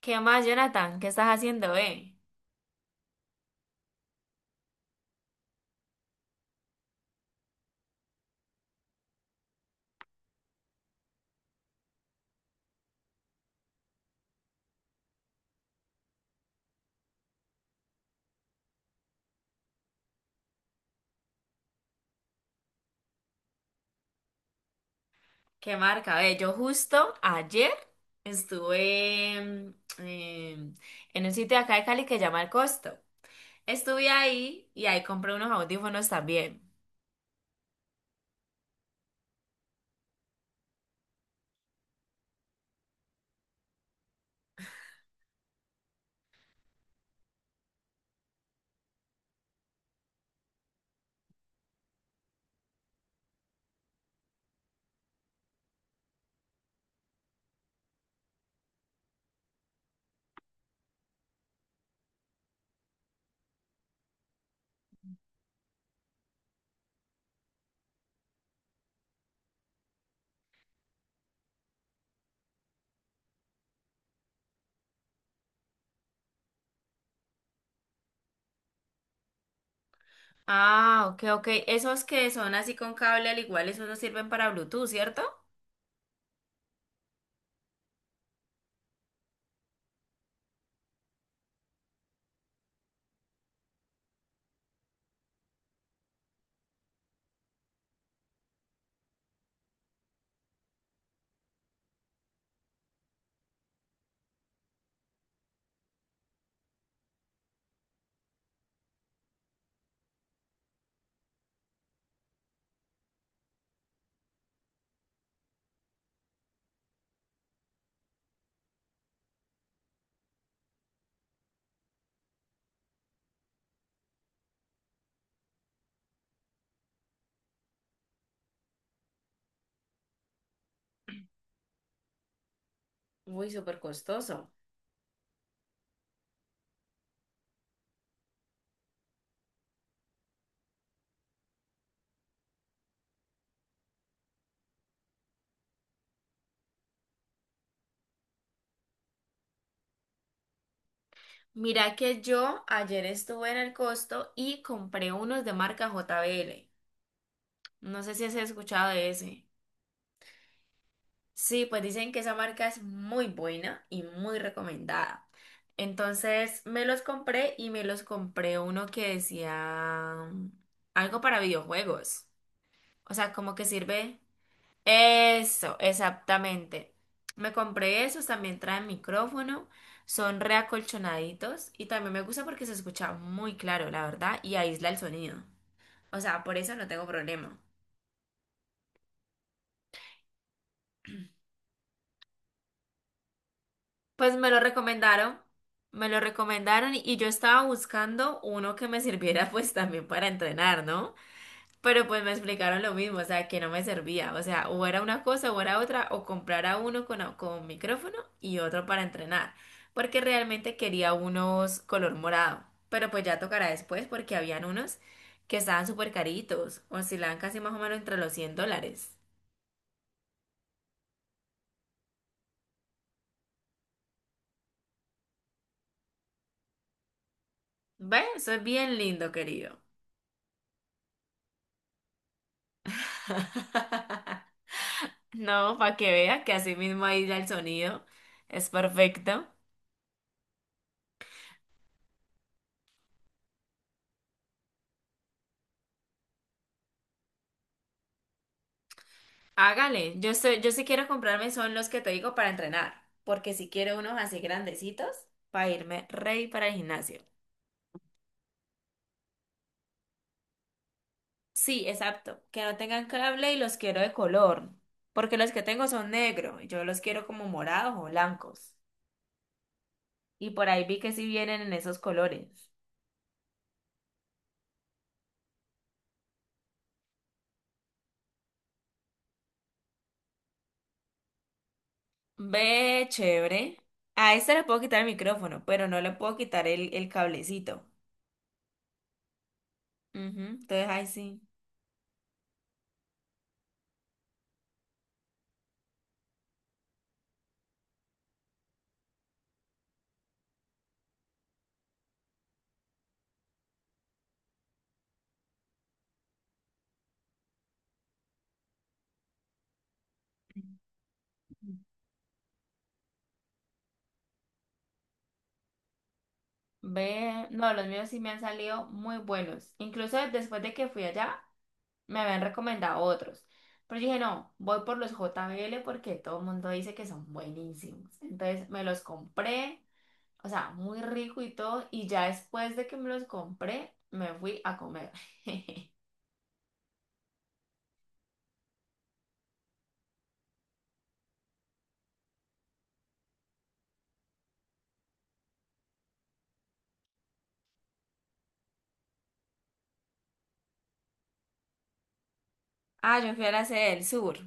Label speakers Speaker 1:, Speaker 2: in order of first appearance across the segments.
Speaker 1: ¿Qué más, Jonathan? ¿Qué estás haciendo, eh? ¿Qué marca? Ve, yo justo ayer estuve en un sitio de acá de Cali que se llama El Costo. Estuve ahí y ahí compré unos audífonos también. Ah, ok, ok. Esos que son así con cable, al igual, esos no sirven para Bluetooth, ¿cierto? Uy, súper costoso. Mira que yo ayer estuve en El Costo y compré unos de marca JBL. No sé si has escuchado de ese. Sí, pues dicen que esa marca es muy buena y muy recomendada. Entonces me los compré y me los compré uno que decía algo para videojuegos. O sea, como que sirve. Eso, exactamente. Me compré esos, también traen micrófono, son reacolchonaditos y también me gusta porque se escucha muy claro, la verdad, y aísla el sonido. O sea, por eso no tengo problema. Pues me lo recomendaron y yo estaba buscando uno que me sirviera pues también para entrenar, ¿no? Pero pues me explicaron lo mismo, o sea, que no me servía, o sea, o era una cosa o era otra, o comprara uno con, au- con micrófono y otro para entrenar, porque realmente quería unos color morado, pero pues ya tocará después porque habían unos que estaban súper caritos, oscilaban casi más o menos entre los 100 dólares. ¿Ves? Eso es bien lindo, querido. No, para que vea que así mismo ahí ya el sonido es perfecto. Hágale, yo estoy, yo sí quiero comprarme son los que te digo para entrenar, porque si quiero unos así grandecitos para irme rey para el gimnasio. Sí, exacto, que no tengan cable y los quiero de color, porque los que tengo son negro, y yo los quiero como morados o blancos. Y por ahí vi que sí vienen en esos colores. Ve, chévere. A este le puedo quitar el micrófono, pero no le puedo quitar el cablecito. Ujú, entonces ahí sí. Ve, no, los míos sí me han salido muy buenos. Incluso después de que fui allá, me habían recomendado otros. Pero yo dije, no, voy por los JBL porque todo el mundo dice que son buenísimos. Entonces me los compré, o sea, muy rico y todo. Y ya después de que me los compré, me fui a comer. Ah, yo fui a la sede del sur.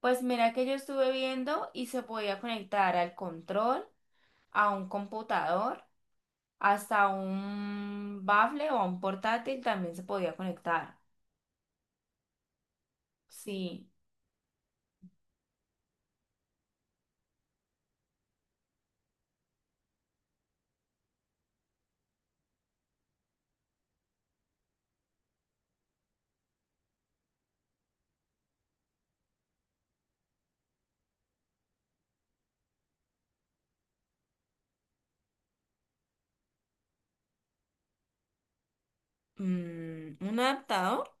Speaker 1: Pues mira que yo estuve viendo y se podía conectar al control, a un computador. Hasta un bafle o a un portátil también se podía conectar. Sí. ¿Un adaptador?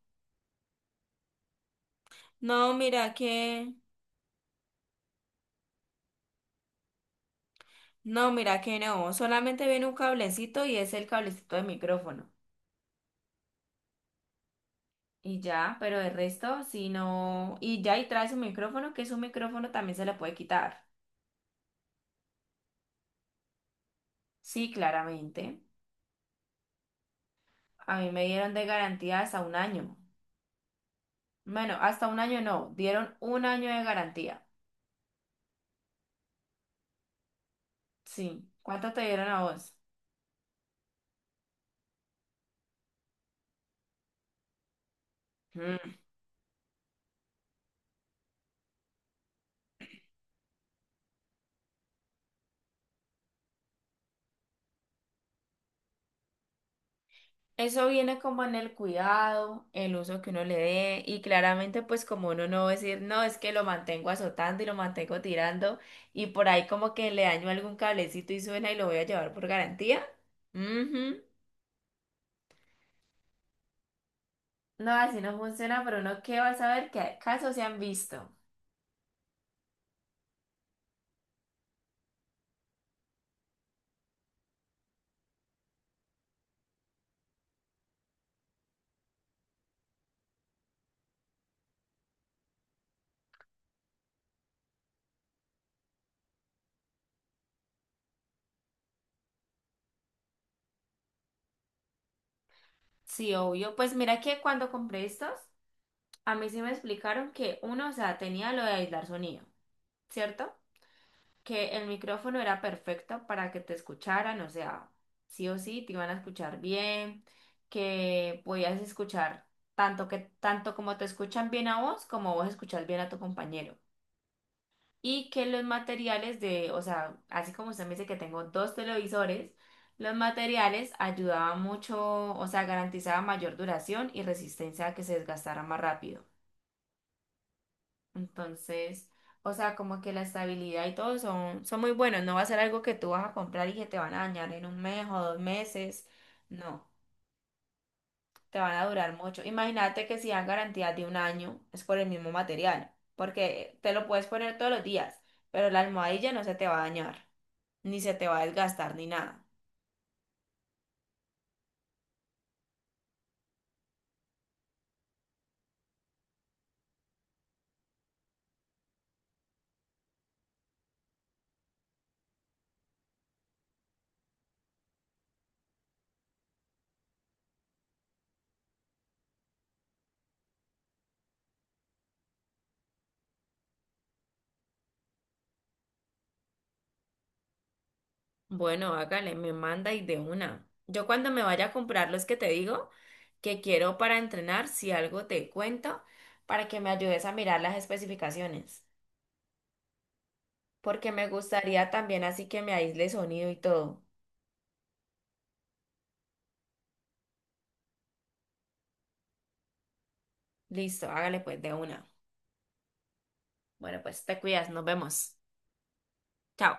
Speaker 1: No, mira que... No, mira que no. Solamente viene un cablecito y es el cablecito de micrófono. Y ya, pero el resto, si no... Y ya, y trae su micrófono, que su micrófono también se le puede quitar. Sí, claramente. A mí me dieron de garantía hasta un año. Bueno, hasta un año no. Dieron un año de garantía. Sí. ¿Cuánto te dieron a vos? Eso viene como en el cuidado, el uso que uno le dé y claramente pues como uno no va a decir, no, es que lo mantengo azotando y lo mantengo tirando y por ahí como que le daño algún cablecito y suena y lo voy a llevar por garantía. Ujú. No, así no funciona, pero uno qué va a saber qué casos se han visto. Sí, obvio. Pues mira que cuando compré estos, a mí sí me explicaron que uno, o sea, tenía lo de aislar sonido, ¿cierto? Que el micrófono era perfecto para que te escucharan, o sea, sí o sí te iban a escuchar bien, que podías escuchar tanto como te escuchan bien a vos, como vos escuchas bien a tu compañero. Y que los materiales de, o sea, así como usted me dice que tengo dos televisores, los materiales ayudaban mucho, o sea, garantizaba mayor duración y resistencia a que se desgastara más rápido. Entonces, o sea, como que la estabilidad y todo son, son muy buenos. No va a ser algo que tú vas a comprar y que te van a dañar en un mes o dos meses. No, te van a durar mucho. Imagínate que si dan garantía de un año, es por el mismo material, porque te lo puedes poner todos los días, pero la almohadilla no se te va a dañar, ni se te va a desgastar, ni nada. Bueno, hágale, me manda y de una. Yo cuando me vaya a comprar los que te digo que quiero para entrenar, si algo te cuento, para que me ayudes a mirar las especificaciones, porque me gustaría también así que me aísle sonido y todo. Listo, hágale pues de una. Bueno, pues te cuidas, nos vemos. Chao.